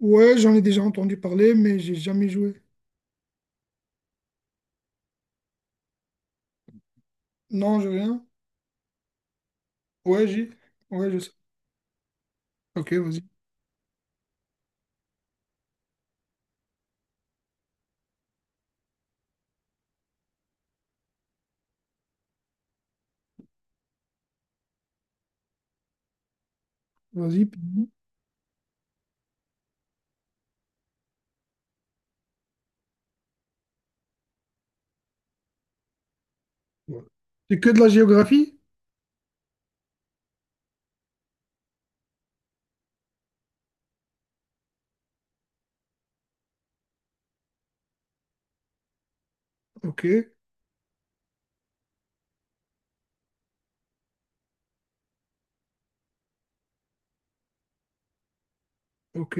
Ouais, j'en ai déjà entendu parler, mais j'ai jamais joué. Non, j'ai rien. Ouais, j'ai. Ouais, je sais. Ok, vas-y. Vas-y. Public. Ouais. C'est que de la géographie? Ok, ok.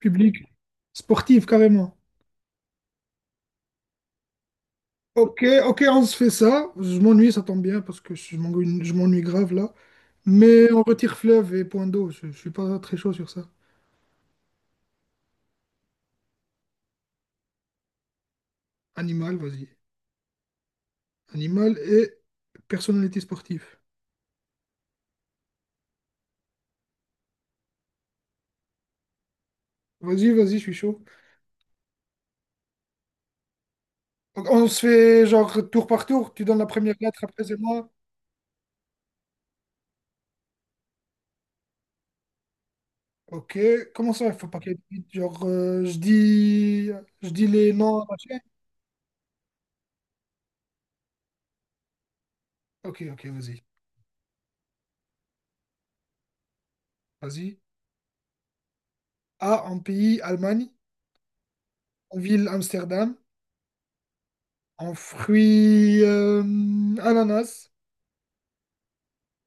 Public. Sportif, carrément. Ok, ok, on se fait ça. Je m'ennuie, ça tombe bien, parce que je m'ennuie grave là. Mais on retire fleuve et point d'eau. Je suis pas très chaud sur ça. Animal, vas-y. Animal et personnalité sportive. Vas-y, je suis chaud. Donc, on se fait genre tour par tour. Tu donnes la première lettre, après c'est moi. Ok, comment ça, il faut pas qu'il y ait de vide? Genre, je dis les noms à la chaîne. Ok, ok, vas-y. Vas-y. A, en pays, Allemagne. En ville, Amsterdam. En fruit, ananas.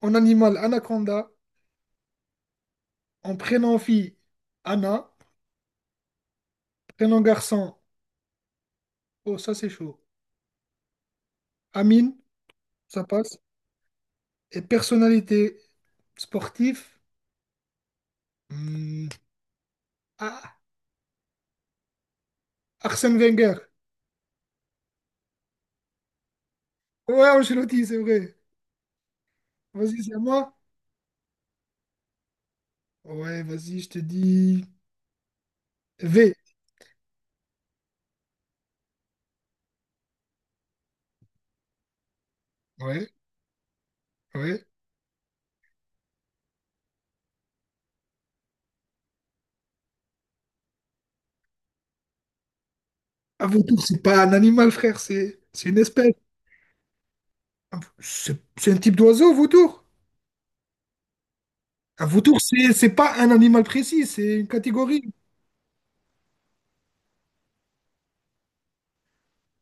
En animal, anaconda. En prénom, fille, Anna. Prénom, garçon. Oh, ça, c'est chaud. Amine, ça passe. Et personnalité, sportif. hmm, ah, Arsène Wenger. Ouais, Ancelotti, c'est vrai. Vas-y, c'est à moi. Ouais, vas-y, je te dis V. Ouais, ouais. Un vautour, c'est pas un animal, frère, c'est une espèce. C'est un type d'oiseau, vautour. Un vautour, c'est pas un animal précis, c'est une catégorie.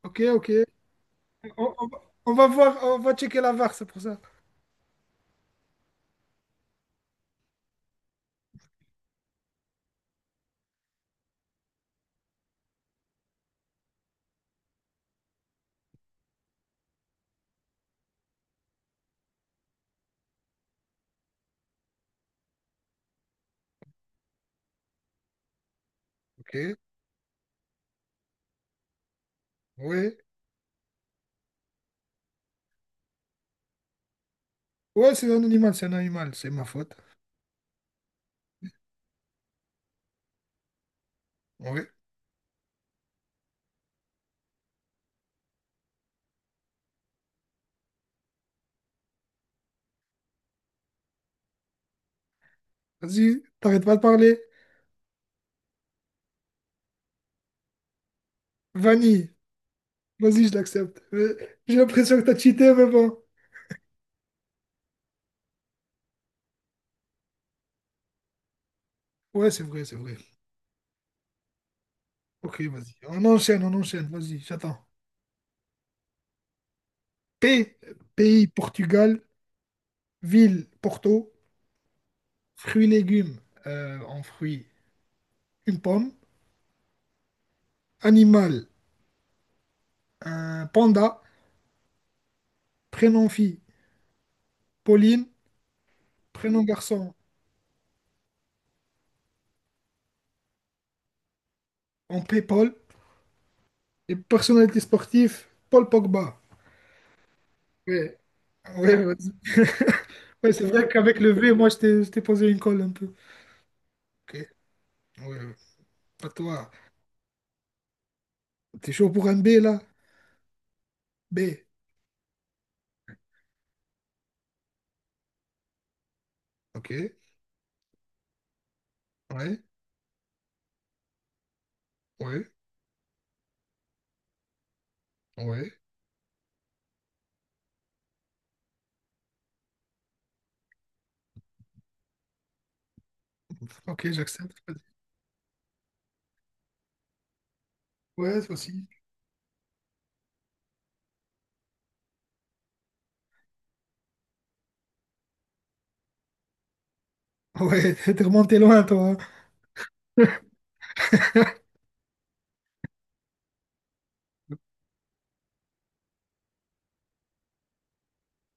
Ok, ok. On, on va on va voir, on va checker la VAR, c'est pour ça. Ok, ouais. Ouais, c'est un animal, c'est un animal, c'est ma faute. Ouais. Vas-y, t'arrêtes pas de parler. Vanille, vas-y, je l'accepte. J'ai l'impression que t'as cheaté, mais bon. Ouais, c'est vrai, c'est vrai. Ok, vas-y. On enchaîne, vas-y, j'attends. P, pays Portugal, ville Porto, fruits légumes en fruits, une pomme, animal, un panda, prénom fille, Pauline, prénom garçon, en P, Paul, et personnalité sportive, Paul Pogba. Ouais, ouais, ouais. Ouais, c'est vrai qu'avec le V, moi, je t'ai posé une colle un peu. Ok, ouais, ouais. À toi. T'es chaud pour un B, là? B, ok, ouais, ouais, ouais. Ok, j'accepte. Ouais, toi aussi. Ouais, t'es remonté loin, toi, hein.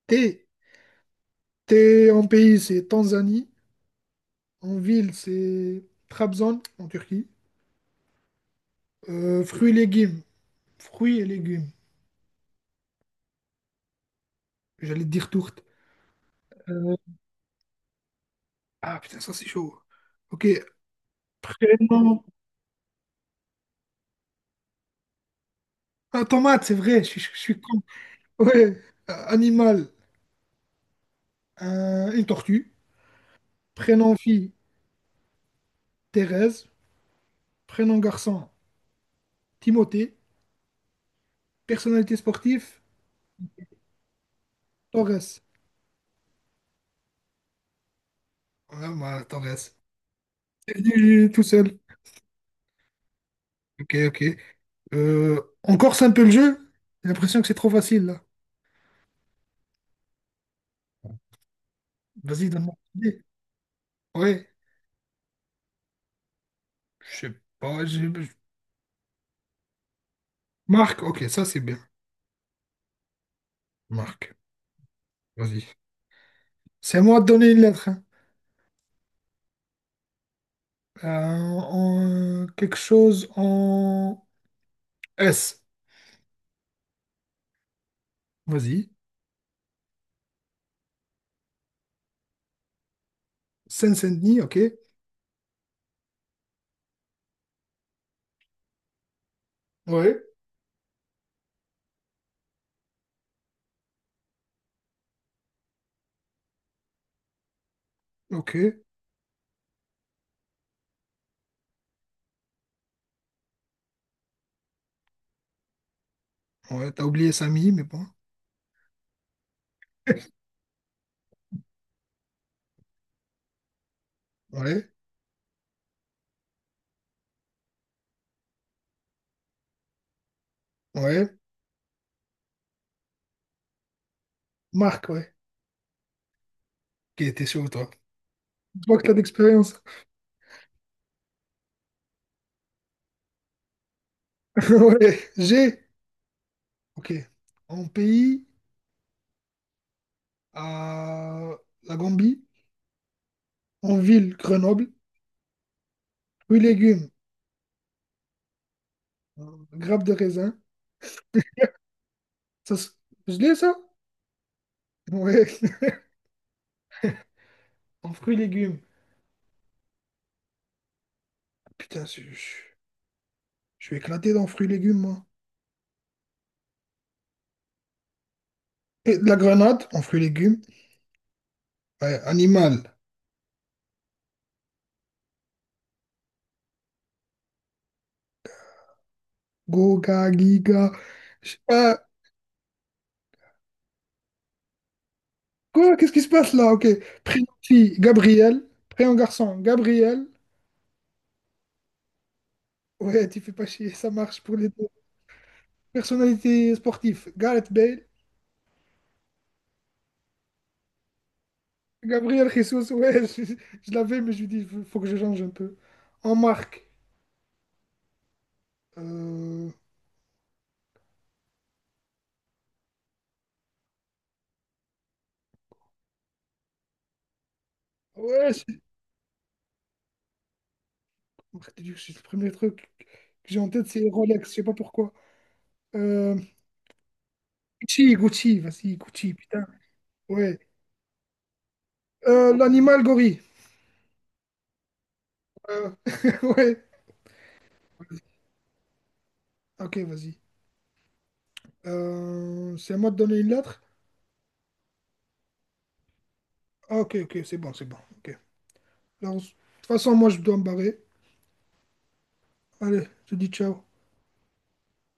T'es, t'es en pays, c'est Tanzanie. En ville, c'est Trabzon, en Turquie. Fruits et légumes. Fruits et légumes. J'allais te dire tourte. Euh, ah putain, ça c'est chaud. Ok. Prénom. Ah, tomate, c'est vrai, je suis con. Ouais. Animal, une tortue. Prénom fille, Thérèse. Prénom garçon, Timothée. Personnalité sportive, Torres. Ouais, moi, Torres. C'est venu tout seul. Ok, ok. On corse un peu le jeu? J'ai l'impression que c'est trop facile, là. Vas-y, donne-moi une idée. Ouais, je sais pas. Marc, ok, ça c'est bien. Marc, vas-y. C'est à moi de donner une lettre, hein. Quelque chose en S. Vas-y. Seine-Saint-Denis, ok. Ouais. Ok. Ouais, t'as oublié Samy, mais bon. Ouais, ouais. Marc, ouais. Ok, t'es chaud, toi. Je vois que t'as d'expérience. Ouais, G. Ok. En pays. À la Gambie, en ville, Grenoble, fruits, légumes, euh, grappes de raisin. Ça, c'est- je l'ai ça? Ouais, en fruits, légumes. Putain, je suis éclaté dans fruits, légumes, moi. Et de la grenade, en fruits, légumes. Ouais, animal. Goga, giga. Je sais pas. Quoi? Qu'est-ce qui se passe là? Ok. Prénom fille, Gabriel. Prénom garçon, Gabriel. Ouais, tu fais pas chier, ça marche pour les deux. Personnalité sportive, Gareth Bale. Gabriel Jesus, ouais, l'avais, mais je lui dis, il faut que je change un peu. En marque, euh, ouais, c'est- marque de luxe, c'est le premier truc que j'ai en tête, c'est Rolex, je sais pas pourquoi. Euh, Gucci, Gucci, vas-y, Gucci, putain, ouais. L'animal gorille. Euh, ouais, ok, vas-y. C'est à moi de donner une lettre? Ah, ok, ok, c'est bon, ok. Alors, de toute façon, moi, je dois me barrer. Allez, je te dis ciao.